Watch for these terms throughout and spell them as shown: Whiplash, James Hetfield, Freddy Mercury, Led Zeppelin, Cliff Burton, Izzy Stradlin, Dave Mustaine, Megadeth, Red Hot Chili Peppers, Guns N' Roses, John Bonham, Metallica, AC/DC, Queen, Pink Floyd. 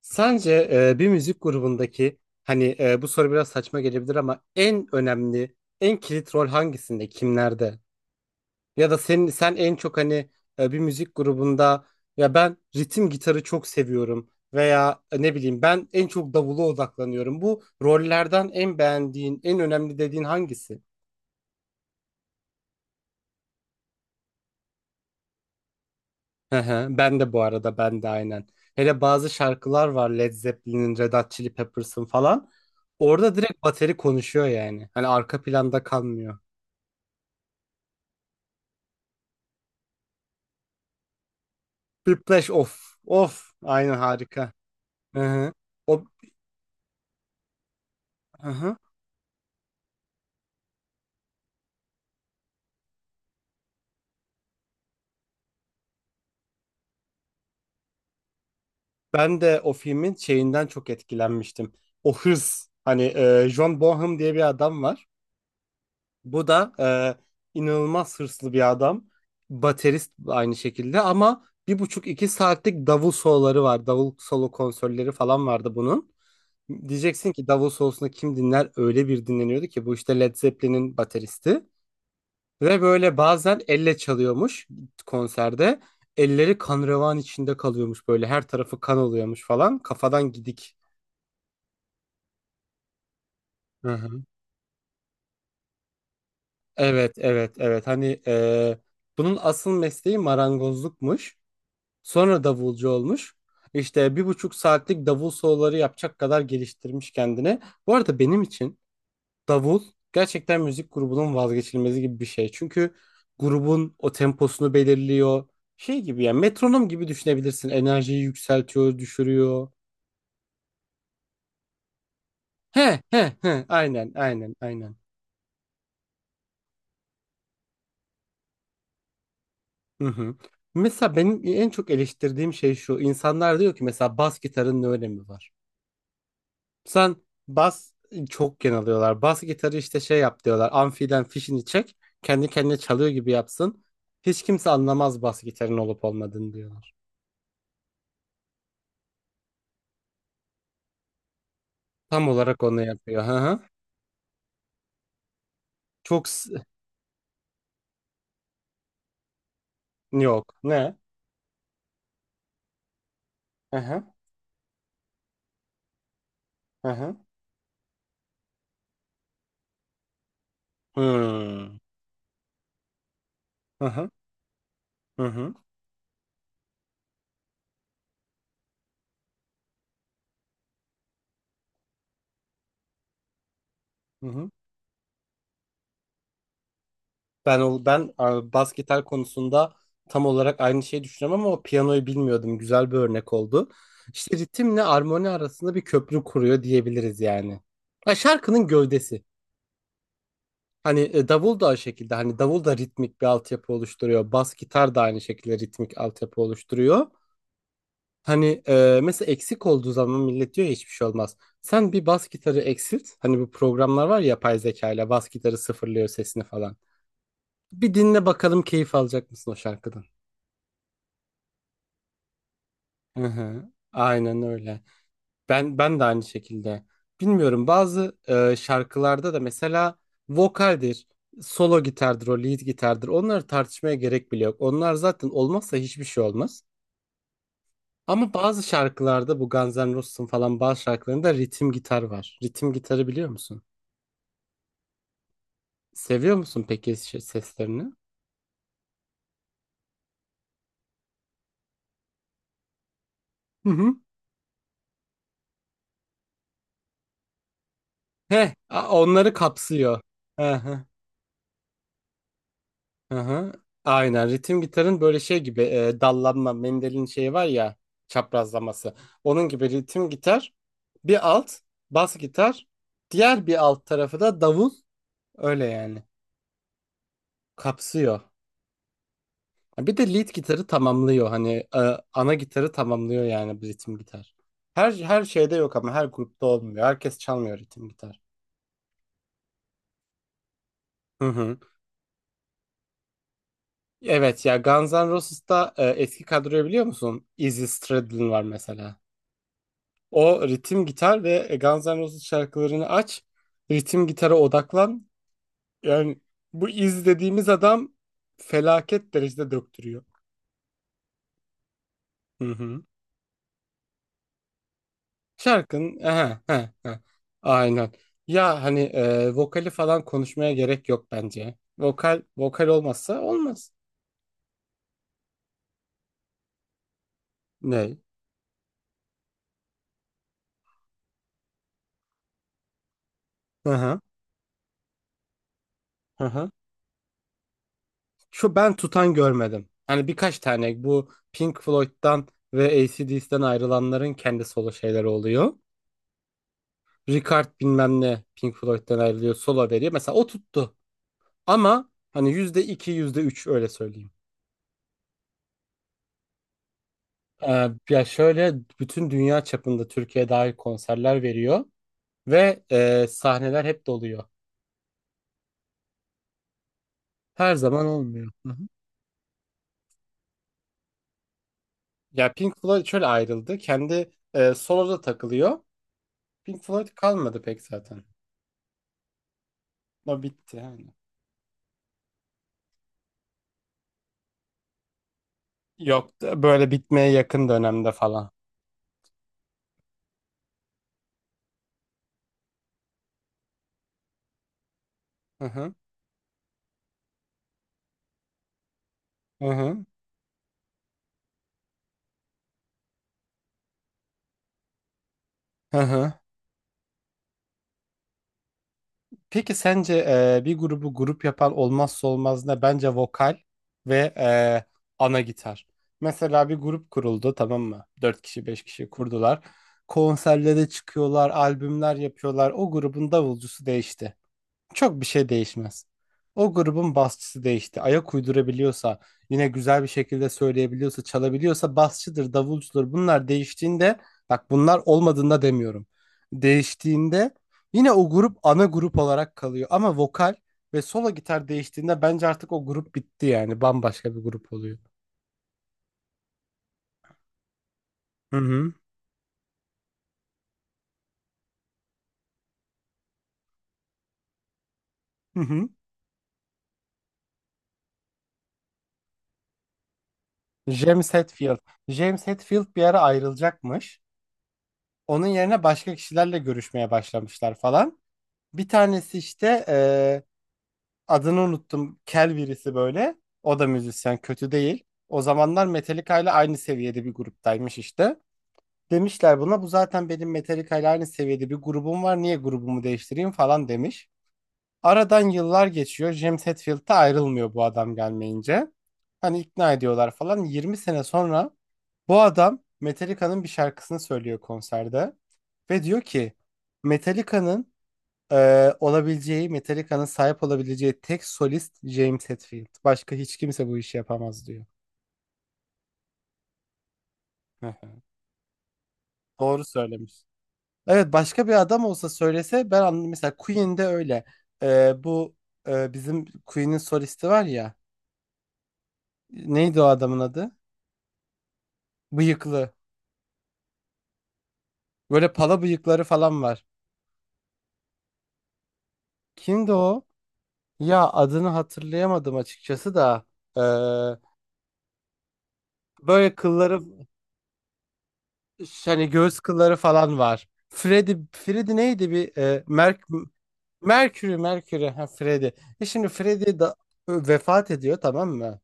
Sence bir müzik grubundaki hani bu soru biraz saçma gelebilir ama en önemli, en kilit rol hangisinde, kimlerde? Ya da sen en çok hani bir müzik grubunda ya ben ritim gitarı çok seviyorum veya ne bileyim ben en çok davula odaklanıyorum. Bu rollerden en beğendiğin, en önemli dediğin hangisi? Hı hı. Ben de bu arada ben de aynen. Hele bazı şarkılar var Led Zeppelin'in, Red Hot Chili Peppers'ın falan. Orada direkt bateri konuşuyor yani. Hani arka planda kalmıyor. Whiplash of of aynen harika. Hı hı. O hı hı. Ben de o filmin şeyinden çok etkilenmiştim. O hırs hani John Bonham diye bir adam var. Bu da inanılmaz hırslı bir adam. Baterist aynı şekilde ama bir buçuk iki saatlik davul soloları var. Davul solo konserleri falan vardı bunun. Diyeceksin ki davul solosunu kim dinler? Öyle bir dinleniyordu ki bu işte Led Zeppelin'in bateristi. Ve böyle bazen elle çalıyormuş konserde. Elleri kan revan içinde kalıyormuş böyle her tarafı kan oluyormuş falan. Kafadan gidik. Hı hı. Evet, evet, evet, hani bunun asıl mesleği marangozlukmuş. Sonra davulcu olmuş. İşte bir buçuk saatlik davul soloları yapacak kadar geliştirmiş kendini. Bu arada benim için davul gerçekten müzik grubunun vazgeçilmezi gibi bir şey. Çünkü grubun o temposunu belirliyor. Şey gibi ya metronom gibi düşünebilirsin. Enerjiyi yükseltiyor, düşürüyor. He he he aynen aynen aynen. Hı hı. Mesela benim en çok eleştirdiğim şey şu. İnsanlar diyor ki mesela bas gitarın ne önemi var? Sen bas çok geneliyorlar. Bas gitarı işte şey yap diyorlar. Amfiden fişini çek. Kendi kendine çalıyor gibi yapsın. Hiç kimse anlamaz bas gitarın olup olmadığını diyorlar. Tam olarak onu yapıyor. Hı hı. Çok s- yok. Ne? Hı hı. Hı hı. Hmm. Hı hı. Hı hı. Hı hı. Ben o ben a, bas gitar konusunda tam olarak aynı şeyi düşünüyorum ama o piyanoyu bilmiyordum. Güzel bir örnek oldu. İşte ritimle armoni arasında bir köprü kuruyor diyebiliriz yani. Ha, şarkının gövdesi. Hani davul da aynı şekilde hani davul da ritmik bir altyapı oluşturuyor. Bas gitar da aynı şekilde ritmik altyapı oluşturuyor. Hani mesela eksik olduğu zaman millet diyor ya hiçbir şey olmaz. Sen bir bas gitarı eksilt. Hani bu programlar var ya yapay zeka ile bas gitarı sıfırlıyor sesini falan. Bir dinle bakalım keyif alacak mısın o şarkıdan? Hı hı. Aynen öyle. Ben de aynı şekilde. Bilmiyorum bazı şarkılarda da mesela vokaldir, solo gitardır, o lead gitardır. Onları tartışmaya gerek bile yok. Onlar zaten olmazsa hiçbir şey olmaz. Ama bazı şarkılarda bu Guns N' Roses'ın falan bazı şarkılarında ritim gitar var. Ritim gitarı biliyor musun? Seviyor musun peki şey- seslerini? Hı hı. Heh, a- onları kapsıyor. Hı hı. Aynen ritim gitarın böyle şey gibi dallanma Mendel'in şeyi var ya çaprazlaması. Onun gibi ritim gitar bir alt bas gitar diğer bir alt tarafı da davul öyle yani kapsıyor. Ha, bir de lead gitarı tamamlıyor hani ana gitarı tamamlıyor yani bu ritim gitar. Her şeyde yok ama her grupta olmuyor. Herkes çalmıyor ritim gitar. Hı hı. Evet ya Guns N' Roses'ta eski kadroyu biliyor musun? Izzy Stradlin var mesela. O ritim gitar ve Guns N' Roses şarkılarını aç. Ritim gitara odaklan. Yani bu izlediğimiz adam felaket derecede döktürüyor. Hı hı. Şarkının aha, aha, aha. Aynen. Ya hani vokali falan konuşmaya gerek yok bence. Vokal olmazsa olmaz. Ne? Hı hı. Hı hı. Şu ben tutan görmedim. Hani birkaç tane bu Pink Floyd'dan ve AC/DC'den ayrılanların kendi solo şeyleri oluyor. Ricard bilmem ne Pink Floyd'den ayrılıyor solo veriyor. Mesela o tuttu ama hani yüzde iki yüzde üç öyle söyleyeyim. Ya şöyle bütün dünya çapında Türkiye dahil konserler veriyor ve sahneler hep doluyor. Her zaman olmuyor. Hı hı. Ya Pink Floyd şöyle ayrıldı. Kendi soloda takılıyor. Pink Floyd kalmadı pek zaten. O bitti yani. Yok da böyle bitmeye yakın dönemde falan. Hı hı. Hı hı. Hı hı. Peki sence bir grubu grup yapan olmazsa olmaz ne? Bence vokal ve ana gitar. Mesela bir grup kuruldu tamam mı? 4 kişi beş kişi kurdular. Konserlere çıkıyorlar, albümler yapıyorlar. O grubun davulcusu değişti. Çok bir şey değişmez. O grubun basçısı değişti. Ayak uydurabiliyorsa, yine güzel bir şekilde söyleyebiliyorsa, çalabiliyorsa basçıdır, davulcudur. Bunlar değiştiğinde, bak bunlar olmadığında demiyorum. Değiştiğinde yine o grup ana grup olarak kalıyor. Ama vokal ve solo gitar değiştiğinde bence artık o grup bitti yani. Bambaşka bir grup oluyor. Hı hı. Hı hı. James Hetfield. James Hetfield bir ara ayrılacakmış. Onun yerine başka kişilerle görüşmeye başlamışlar falan. Bir tanesi işte adını unuttum. Kel birisi böyle. O da müzisyen kötü değil. O zamanlar Metallica ile aynı seviyede bir gruptaymış işte. Demişler buna bu zaten benim Metallica ile aynı seviyede bir grubum var. Niye grubumu değiştireyim falan demiş. Aradan yıllar geçiyor. James Hetfield'da ayrılmıyor bu adam gelmeyince. Hani ikna ediyorlar falan. 20 sene sonra bu adam Metallica'nın bir şarkısını söylüyor konserde. Ve diyor ki Metallica'nın olabileceği, Metallica'nın sahip olabileceği tek solist James Hetfield. Başka hiç kimse bu işi yapamaz diyor. Hı hı. Doğru söylemiş. Evet başka bir adam olsa söylese ben anladım. Mesela Queen'de öyle. Ee, bu bizim Queen'in solisti var ya. Neydi o adamın adı? Bıyıklı. Böyle pala bıyıkları falan var. Kimdi o? Ya adını hatırlayamadım açıkçası da. Ee, böyle kılları Ş- hani göğüs kılları falan var. Freddy, Freddy neydi bir Merk Mercury, Mercury, ha Freddy. E şimdi Freddy da vefat ediyor tamam mı?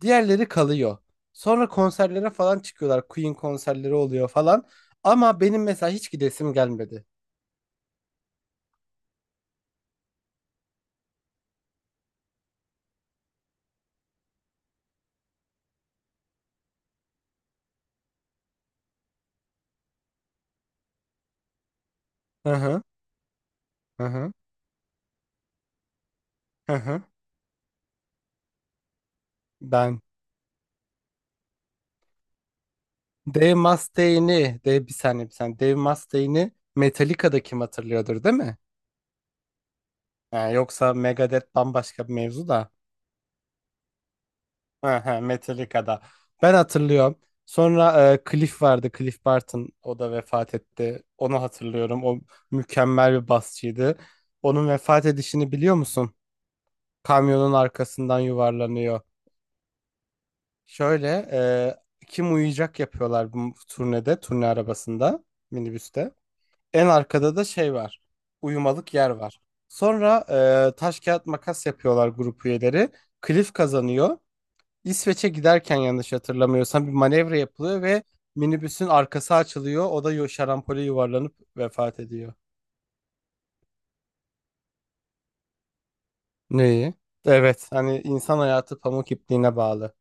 Diğerleri kalıyor. Sonra konserlere falan çıkıyorlar. Queen konserleri oluyor falan. Ama benim mesela hiç gidesim gelmedi. Hı hı, hı hı, hı hı. Ben Dave Mustaine'i, Dave bir saniye bir saniye. Dave Mustaine'i Metallica'da kim hatırlıyordur değil mi? Ha, yoksa Megadeth bambaşka bir mevzu da. Ha, ha, Metallica'da. Ben hatırlıyorum. Sonra Cliff vardı. Cliff Barton. O da vefat etti. Onu hatırlıyorum. O mükemmel bir basçıydı. Onun vefat edişini biliyor musun? Kamyonun arkasından yuvarlanıyor. Şöyle kim uyuyacak yapıyorlar bu turnede. Turne arabasında. Minibüste. En arkada da şey var. Uyumalık yer var. Sonra taş kağıt makas yapıyorlar grup üyeleri. Cliff kazanıyor. İsveç'e giderken yanlış hatırlamıyorsam bir manevra yapılıyor ve minibüsün arkası açılıyor. O da yo- şarampole yuvarlanıp vefat ediyor. Neyi? Evet, hani insan hayatı pamuk ipliğine bağlı.